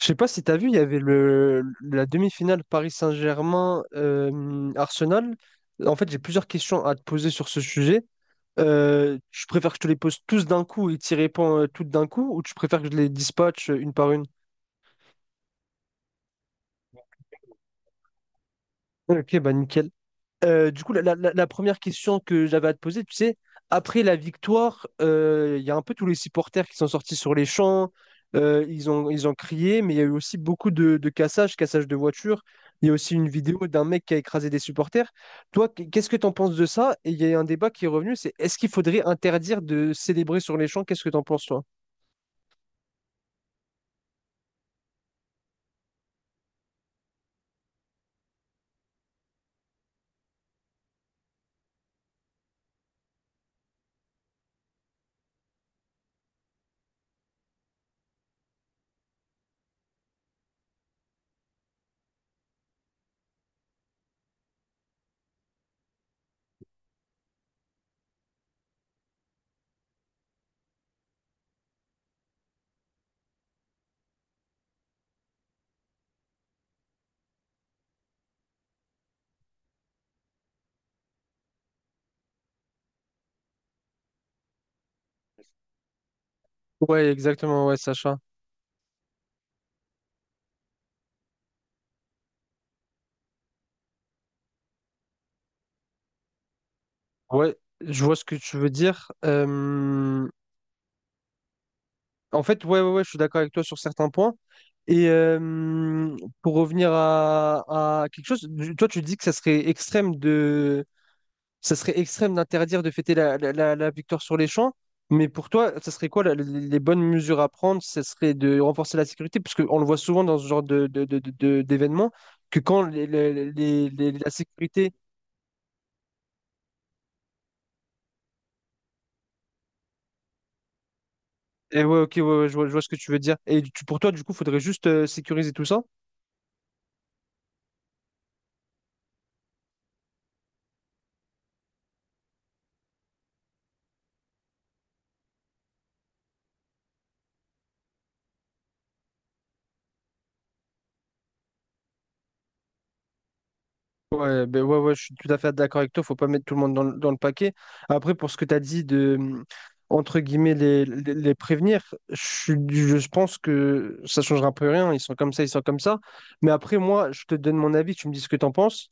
Je sais pas si t'as vu, il y avait la demi-finale Paris Saint-Germain Arsenal. En fait, j'ai plusieurs questions à te poser sur ce sujet. Tu préfères que je te les pose tous d'un coup et t'y réponds toutes d'un coup, ou tu préfères que je les dispatche une par une? Ok, bah nickel. Du coup, première question que j'avais à te poser, tu sais, après la victoire, il y a un peu tous les supporters qui sont sortis sur les champs, ils ont crié, mais il y a eu aussi beaucoup de cassages de voitures. Il y a aussi une vidéo d'un mec qui a écrasé des supporters. Toi, qu'est-ce que tu en penses de ça? Et il y a un débat qui est revenu, c'est est-ce qu'il faudrait interdire de célébrer sur les champs? Qu'est-ce que tu en penses, toi? Ouais, exactement, ouais, Sacha. Ouais, je vois ce que tu veux dire. En fait, ouais, ouais, ouais, je suis d'accord avec toi sur certains points. Et euh, pour revenir à quelque chose, toi, tu dis que ça serait extrême de, ça serait extrême d'interdire de fêter la victoire sur les champs. Mais pour toi, ça serait quoi les bonnes mesures à prendre? Ce serait de renforcer la sécurité, parce qu'on le voit souvent dans ce genre d'événements, que quand la sécurité. Et ouais, ok, ouais, ouais, je vois, ce que tu veux dire. Et pour toi, du coup, faudrait juste sécuriser tout ça? Ouais, ben ouais, ouais, je suis tout à fait d'accord avec toi. Faut pas mettre tout le monde dans le paquet. Après, pour ce que tu as dit de, entre guillemets, les prévenir, je pense que ça changera un peu rien. Ils sont comme ça, ils sont comme ça. Mais après, moi, je te donne mon avis, tu me dis ce que tu en penses.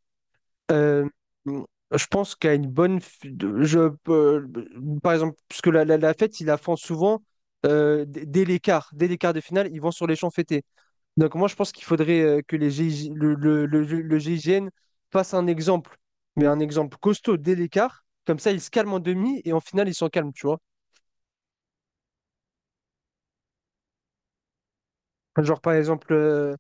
Euh, je pense qu'à une bonne, je peux, par exemple, parce que la fête, ils la font souvent dès les quarts de finale, ils vont sur les champs fêtés. Donc moi, je pense qu'il faudrait que les GIG le, le, le, le GIGN fasse un exemple, mais un exemple costaud dès les quarts. Comme ça, ils se calment en demi et en finale, ils sont calmes, tu vois. Genre par exemple.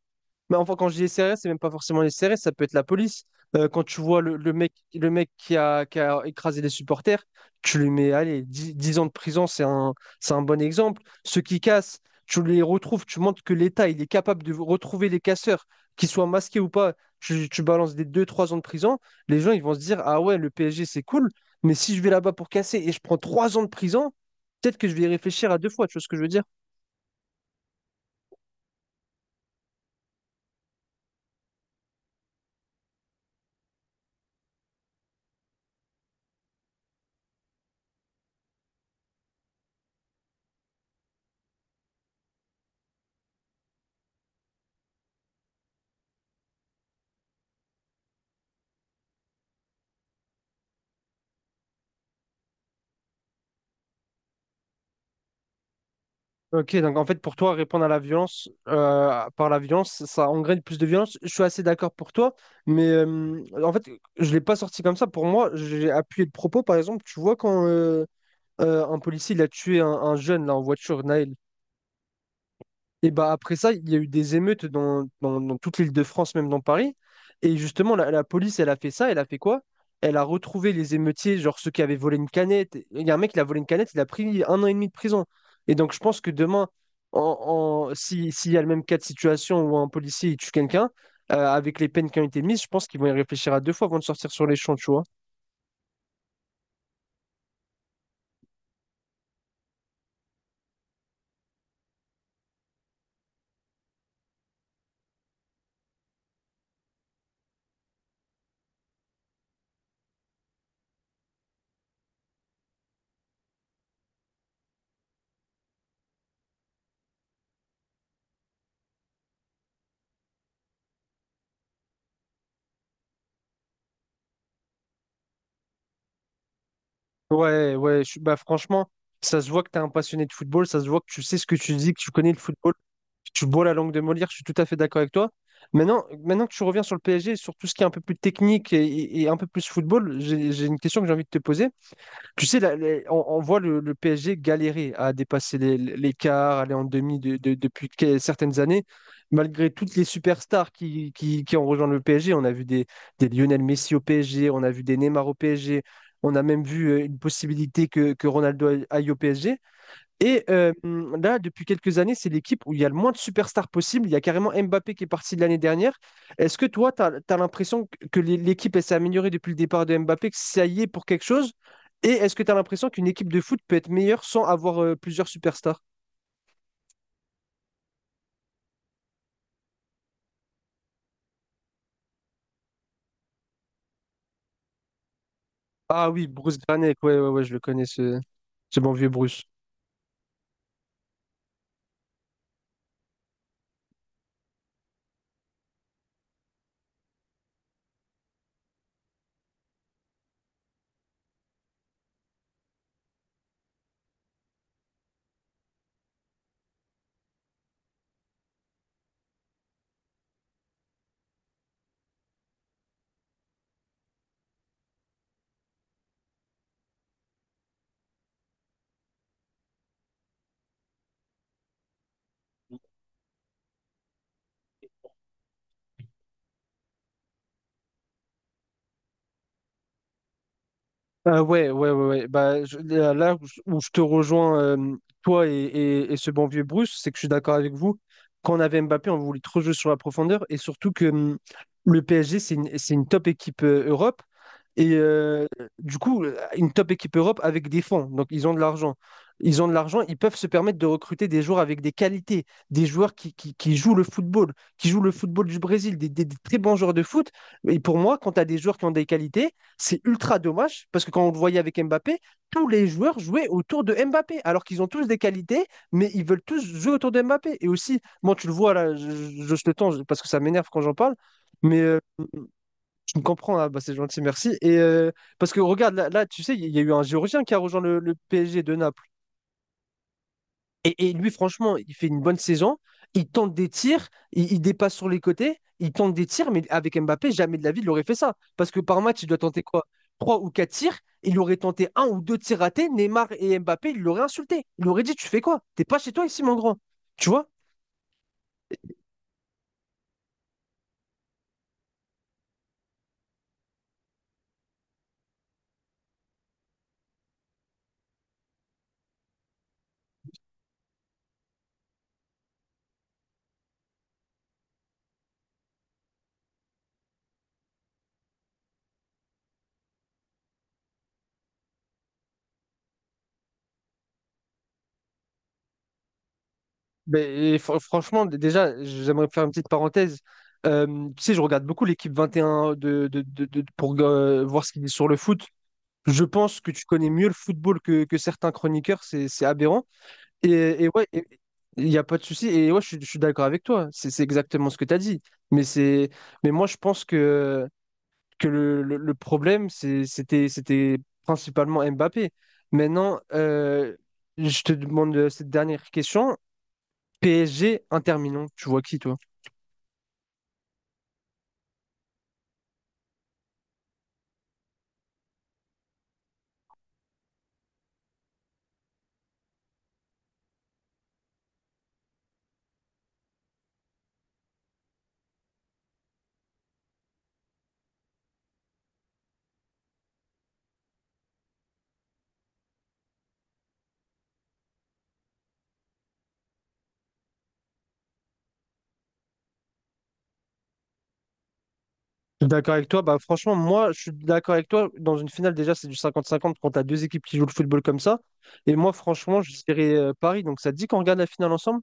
Mais enfin, quand je dis les CRS, c'est même pas forcément les CRS, ça peut être la police. Quand tu vois le mec qui a écrasé les supporters, tu lui mets, allez, 10 10 ans de prison, c'est un bon exemple. Ceux qui cassent, tu les retrouves, tu montres que l'État, il est capable de retrouver les casseurs, qu'ils soient masqués ou pas. Tu balances des deux trois ans de prison, les gens, ils vont se dire, ah ouais, le PSG, c'est cool, mais si je vais là-bas pour casser et je prends 3 ans de prison, peut-être que je vais y réfléchir à deux fois, tu vois ce que je veux dire? Ok, donc en fait, pour toi, répondre à la violence par la violence, ça engraine plus de violence. Je suis assez d'accord pour toi, mais en fait, je ne l'ai pas sorti comme ça. Pour moi, j'ai appuyé le propos. Par exemple, tu vois, quand un policier il a tué un jeune là, en voiture, Naël. Et bah après ça, il y a eu des émeutes dans, dans- dans toute l'Île-de-France, même dans Paris. Et justement, la police, elle a fait ça, elle a fait quoi? Elle a retrouvé les émeutiers, genre ceux qui avaient volé une canette. Il y a un mec qui a volé une canette, il a pris 1 an et demi de prison. Et donc je pense que demain, en, en- si, s'il y a le même cas de situation où un policier il tue quelqu'un, avec les peines qui ont été mises, je pense qu'ils vont y réfléchir à deux fois avant de sortir sur les champs, tu vois. Ouais, ouais, bah franchement, ça se voit que tu es un passionné de football, ça se voit que tu sais ce que tu dis, que tu connais le football. Tu bois la langue de Molière, je suis tout à fait d'accord avec toi. Maintenant que tu reviens sur le PSG, sur tout ce qui est un peu plus technique un peu plus football, j'ai une question que j'ai envie de te poser. Tu sais, là, on voit le PSG galérer à dépasser l'écart, aller en demi certaines années. Malgré toutes les superstars qui ont rejoint le PSG, on a vu des Lionel Messi au PSG, on a vu des Neymar au PSG, on a même vu une possibilité que Ronaldo aille au PSG. Et là, depuis quelques années, c'est l'équipe où il y a le moins de superstars possible. Il y a carrément Mbappé qui est parti de l'année dernière. Est-ce que toi, tu as l'impression que l'équipe elle s'est améliorée depuis le départ de Mbappé, que ça y est pour quelque chose? Et est-ce que tu as l'impression qu'une équipe de foot peut être meilleure sans avoir plusieurs superstars? Ah oui, Bruce Granek, ouais, ouais, ouais, je le connais, ce bon vieux Bruce. Ah ouais, ouais, ouais, ouais. Bah, là où je te rejoins, toi et ce bon vieux Bruce, c'est que je suis d'accord avec vous. Quand on avait Mbappé, on voulait trop jouer sur la profondeur et surtout que le PSG, c'est une top équipe Europe. Et euh, du coup, une top équipe Europe avec des fonds. Donc, ils ont de l'argent. Ils ont de l'argent, ils peuvent se permettre de recruter des joueurs avec des qualités, des joueurs qui jouent le football, qui jouent le football du Brésil, des très bons joueurs de foot. Et pour moi, quand tu as des joueurs qui ont des qualités, c'est ultra dommage parce que quand on le voyait avec Mbappé, tous les joueurs jouaient autour de Mbappé alors qu'ils ont tous des qualités, mais ils veulent tous jouer autour de Mbappé. Et aussi, moi, tu le vois là, je le temps parce que ça m'énerve quand j'en parle, mais tu me comprends, hein, bah, c'est gentil, merci. Et parce que regarde, là, tu sais, il y a eu un Géorgien qui a rejoint le PSG de Naples. Et lui, franchement, il fait une bonne saison. Il tente des tirs, il dépasse sur les côtés, il tente des tirs, mais avec Mbappé, jamais de la vie, il aurait fait ça. Parce que par match, il doit tenter quoi? Trois ou quatre tirs, il aurait tenté un ou deux tirs ratés. Neymar et Mbappé, il l'aurait insulté. Il aurait dit, tu fais quoi? T'es pas chez toi ici, mon grand. Tu vois? Mais, et franchement, déjà, j'aimerais faire une petite parenthèse. Tu sais, je regarde beaucoup l'équipe 21 pour voir ce qu'il dit sur le foot. Je pense que tu connais mieux le football que certains chroniqueurs, c'est aberrant. Et, ouais, il n'y a pas de souci. Et ouais, je suis d'accord avec toi. C'est exactement ce que tu as dit. Mais c'est, mais moi, je pense que, le problème, c'était principalement Mbappé. Maintenant, je te demande cette dernière question. PSG, Inter Milan, tu vois qui, toi? Je suis d'accord avec toi. Bah, franchement, moi, je suis d'accord avec toi. Dans une finale, déjà, c'est du 50-50 quand tu as deux équipes qui jouent le football comme ça. Et moi, franchement, je dirais Paris. Donc, ça te dit qu'on regarde la finale ensemble?